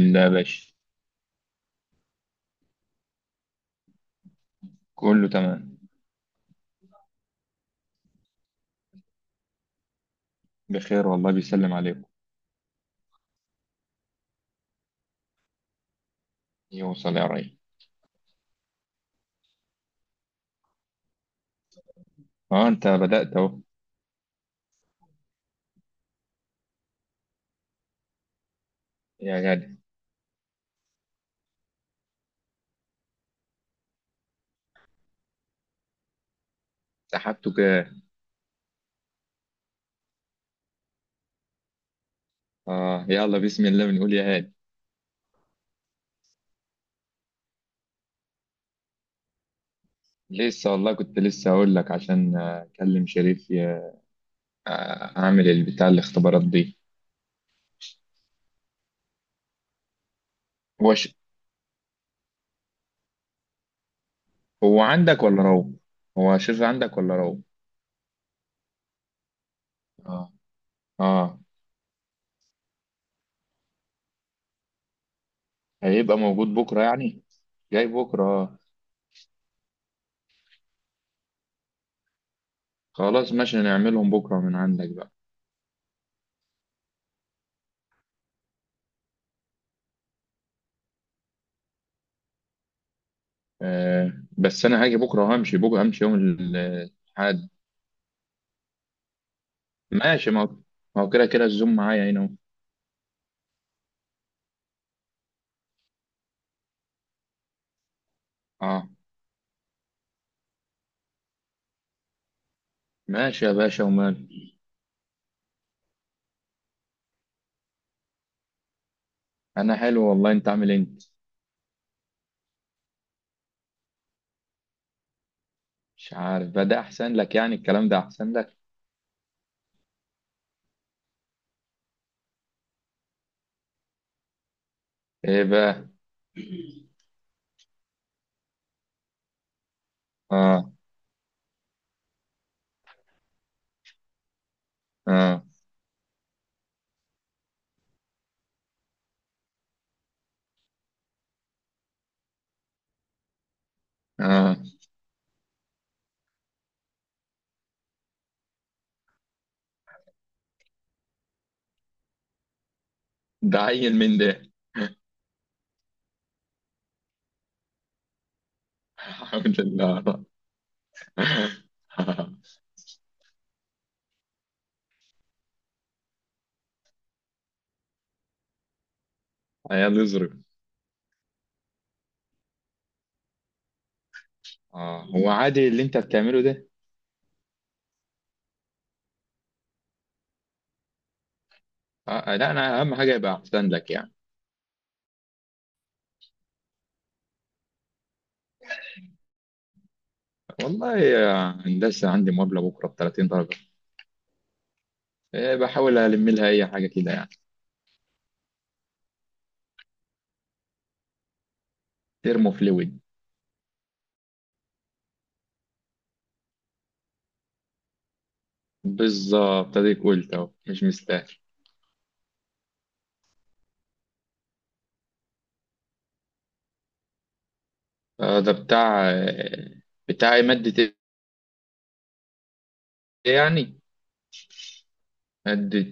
لا يا باشا، كله تمام. بخير والله، بيسلم عليكم. يوصل يا ريس. اه، انت بدأت اهو. يا غالي، سحبته كده. اه يلا بسم الله، بنقول يا هادي. لسه والله كنت لسه هقول لك عشان اكلم شريف اعمل البتاع الاختبارات دي. هو هو عندك ولا روح؟ هو شريف عندك ولا روح؟ اه. اه. هيبقى موجود بكره يعني. جاي بكره اه. خلاص ماشي، نعملهم بكره من عندك بقى. بس انا هاجي بكره وهمشي بكره، همشي يوم الأحد. ماشي، ما هو كده كده الزوم معايا هنا اهو. اه، ماشي يا باشا، ومال. انا حلو والله، انت عامل إيه انت؟ مش عارف بقى، ده احسن لك يعني، الكلام ده احسن لك. ايه بقى؟ اه، اه، اه، ده عيل من ده. الحمد لله. عيال يظرف. اه، هو عادي اللي انت بتعمله ده. لا، انا اهم حاجه يبقى احسن لك يعني. والله يا هندسه، عندي مقابله بكره ب 30 درجه، إيه، بحاول الم لها اي حاجه كده يعني. ترمو فلويد. بالظبط، اديك قلت اهو مش مستاهل. ده بتاع بتاع إيه؟ مادة ايه يعني؟ مادة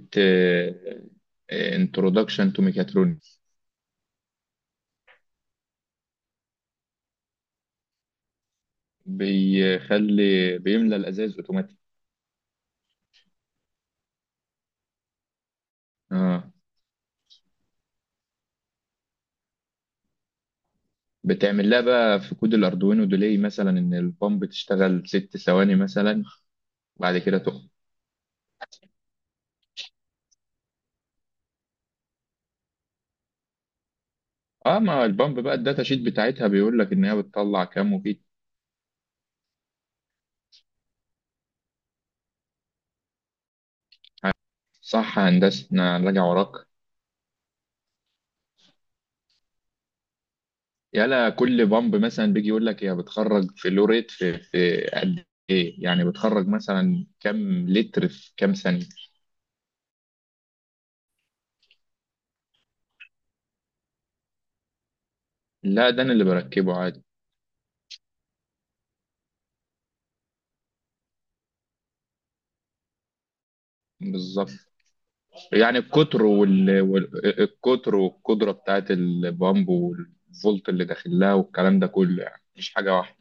انترودكشن تو ميكاترونكس. بيخلي، بيملى الازاز اوتوماتيك. اه، بتعمل لها بقى في كود الاردوينو ديلي مثلا، ان البامب تشتغل 6 ثواني مثلا وبعد كده تقف. اه، ما البامب بقى، الداتا شيت بتاعتها بيقول لك ان هي بتطلع كام وكده. صح يا هندسه، انا راجع وراك. يلا، كل بامب مثلا بيجي يقول لك هي بتخرج في لوريت في قد ايه، يعني بتخرج مثلا كام لتر في كام ثانيه. لا، ده انا اللي بركبه عادي. بالظبط. يعني القطر والقدره بتاعت البامب والفولت اللي داخل لها والكلام ده كله، يعني مش حاجه واحده.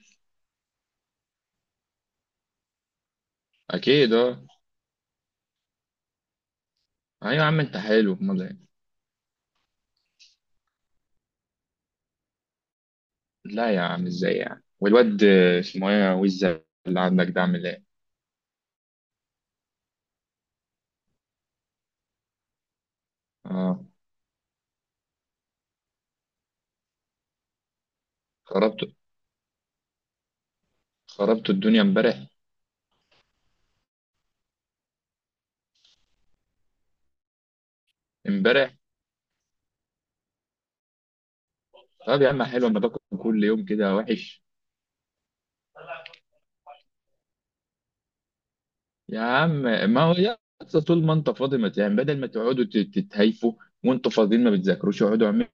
اكيد اه. ايوه يا عم، انت حلو، امال إيه؟ لا يا عم، ازاي يعني؟ والواد اسمه ايه، وزة اللي عندك ده، عامل ايه؟ اه، خربت خربت الدنيا امبارح. امبارح، طب يا عم حلو، اما باكل كل يوم كده وحش. يا عم، ما هو يا اسطى طول ما انت فاضي، ما يعني بدل ما تقعدوا تتهايفوا وانتوا فاضيين ما بتذاكروش، اقعدوا اعملوا.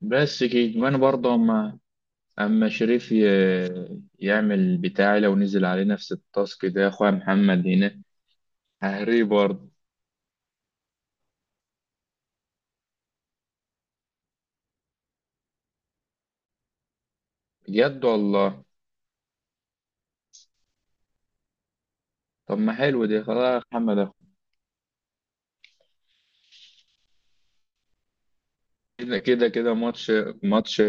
بس كده. وانا برضه اما شريف يعمل بتاعي، لو نزل عليه نفس التاسك ده يا اخويا محمد هنا ههريه برضه. بجد والله. طب ما حلو دي. خلاص يا محمد، أخو. كده كده كده، ماتش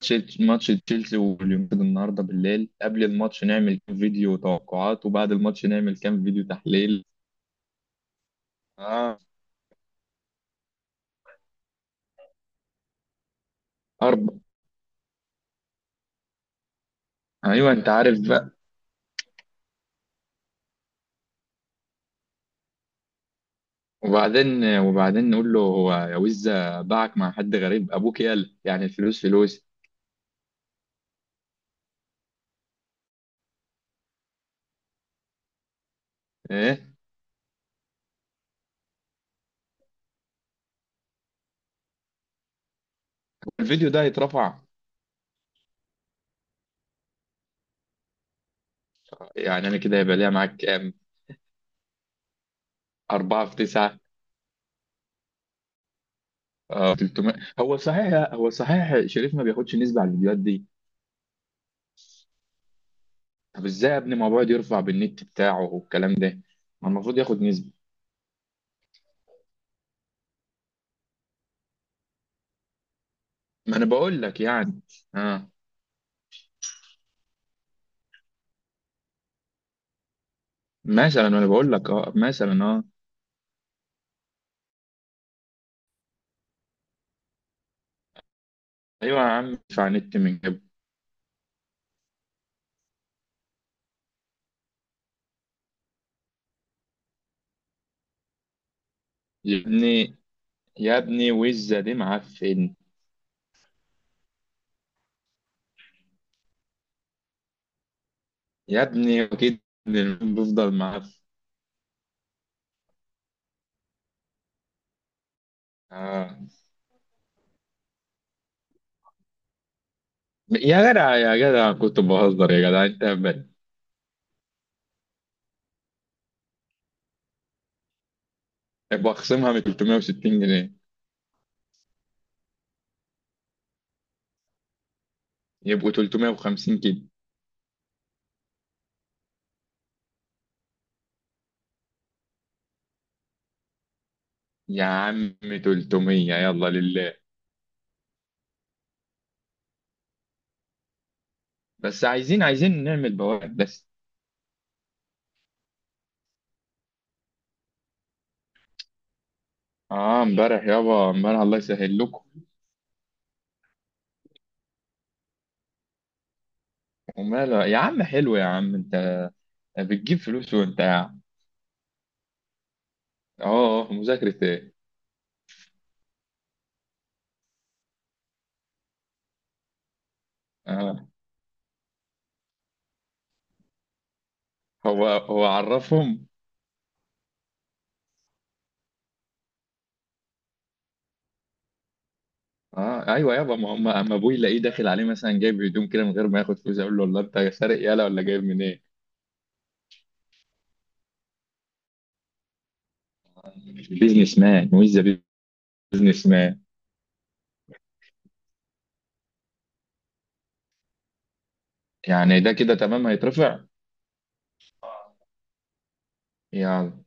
ماتش تشيلسي واليونايتد النهارده بالليل، قبل الماتش نعمل كام فيديو توقعات وبعد الماتش نعمل كام فيديو تحليل. اه. اربع. ايوه، انت عارف بقى. وبعدين نقول له هو، يا وزة باعك مع حد غريب ابوك، يالا يعني الفلوس فلوس. ايه الفيديو ده، هيترفع؟ يعني انا كده هيبقى ليا معاك كام؟ 4 في 9، 300؟ هو صحيح شريف ما بياخدش نسبة على الفيديوهات دي؟ طب ازاي يا ابني؟ ما هو بيقعد يرفع بالنت بتاعه والكلام ده، ما المفروض ياخد نسبة. ما انا بقول لك يعني اه، مثلا، ما انا بقول لك اه مثلا اه. ايوه يا عم، ادفع نت من جنب. يا ابني، يا ابني، وزه دي معفن. يا ابني اكيد، بفضل معفن. اه. يا جدع، يا جدع، كنت بهزر يا جدع، انت هبل. بخصمها من 360 جنيه، يبقوا 350 كده يا عم. 300، يلا لله. بس عايزين نعمل بوابات بس. اه، امبارح يابا، امبارح الله يسهل لكم. وماله يا عم؟ حلو يا عم، انت بتجيب فلوس وانت قاعد. اه، اه، مذاكرة ايه؟ اه، هو عرفهم. اه، ايوه يابا، ما هم اما ابوي يلاقيه داخل عليه مثلا جايب هدوم كده من غير ما ياخد فلوس، اقول له والله انت سارق، يالا ولا جايب منين. بيزنس مان ويز بيزنس مان. يعني ده كده تمام، هيترفع. يلا.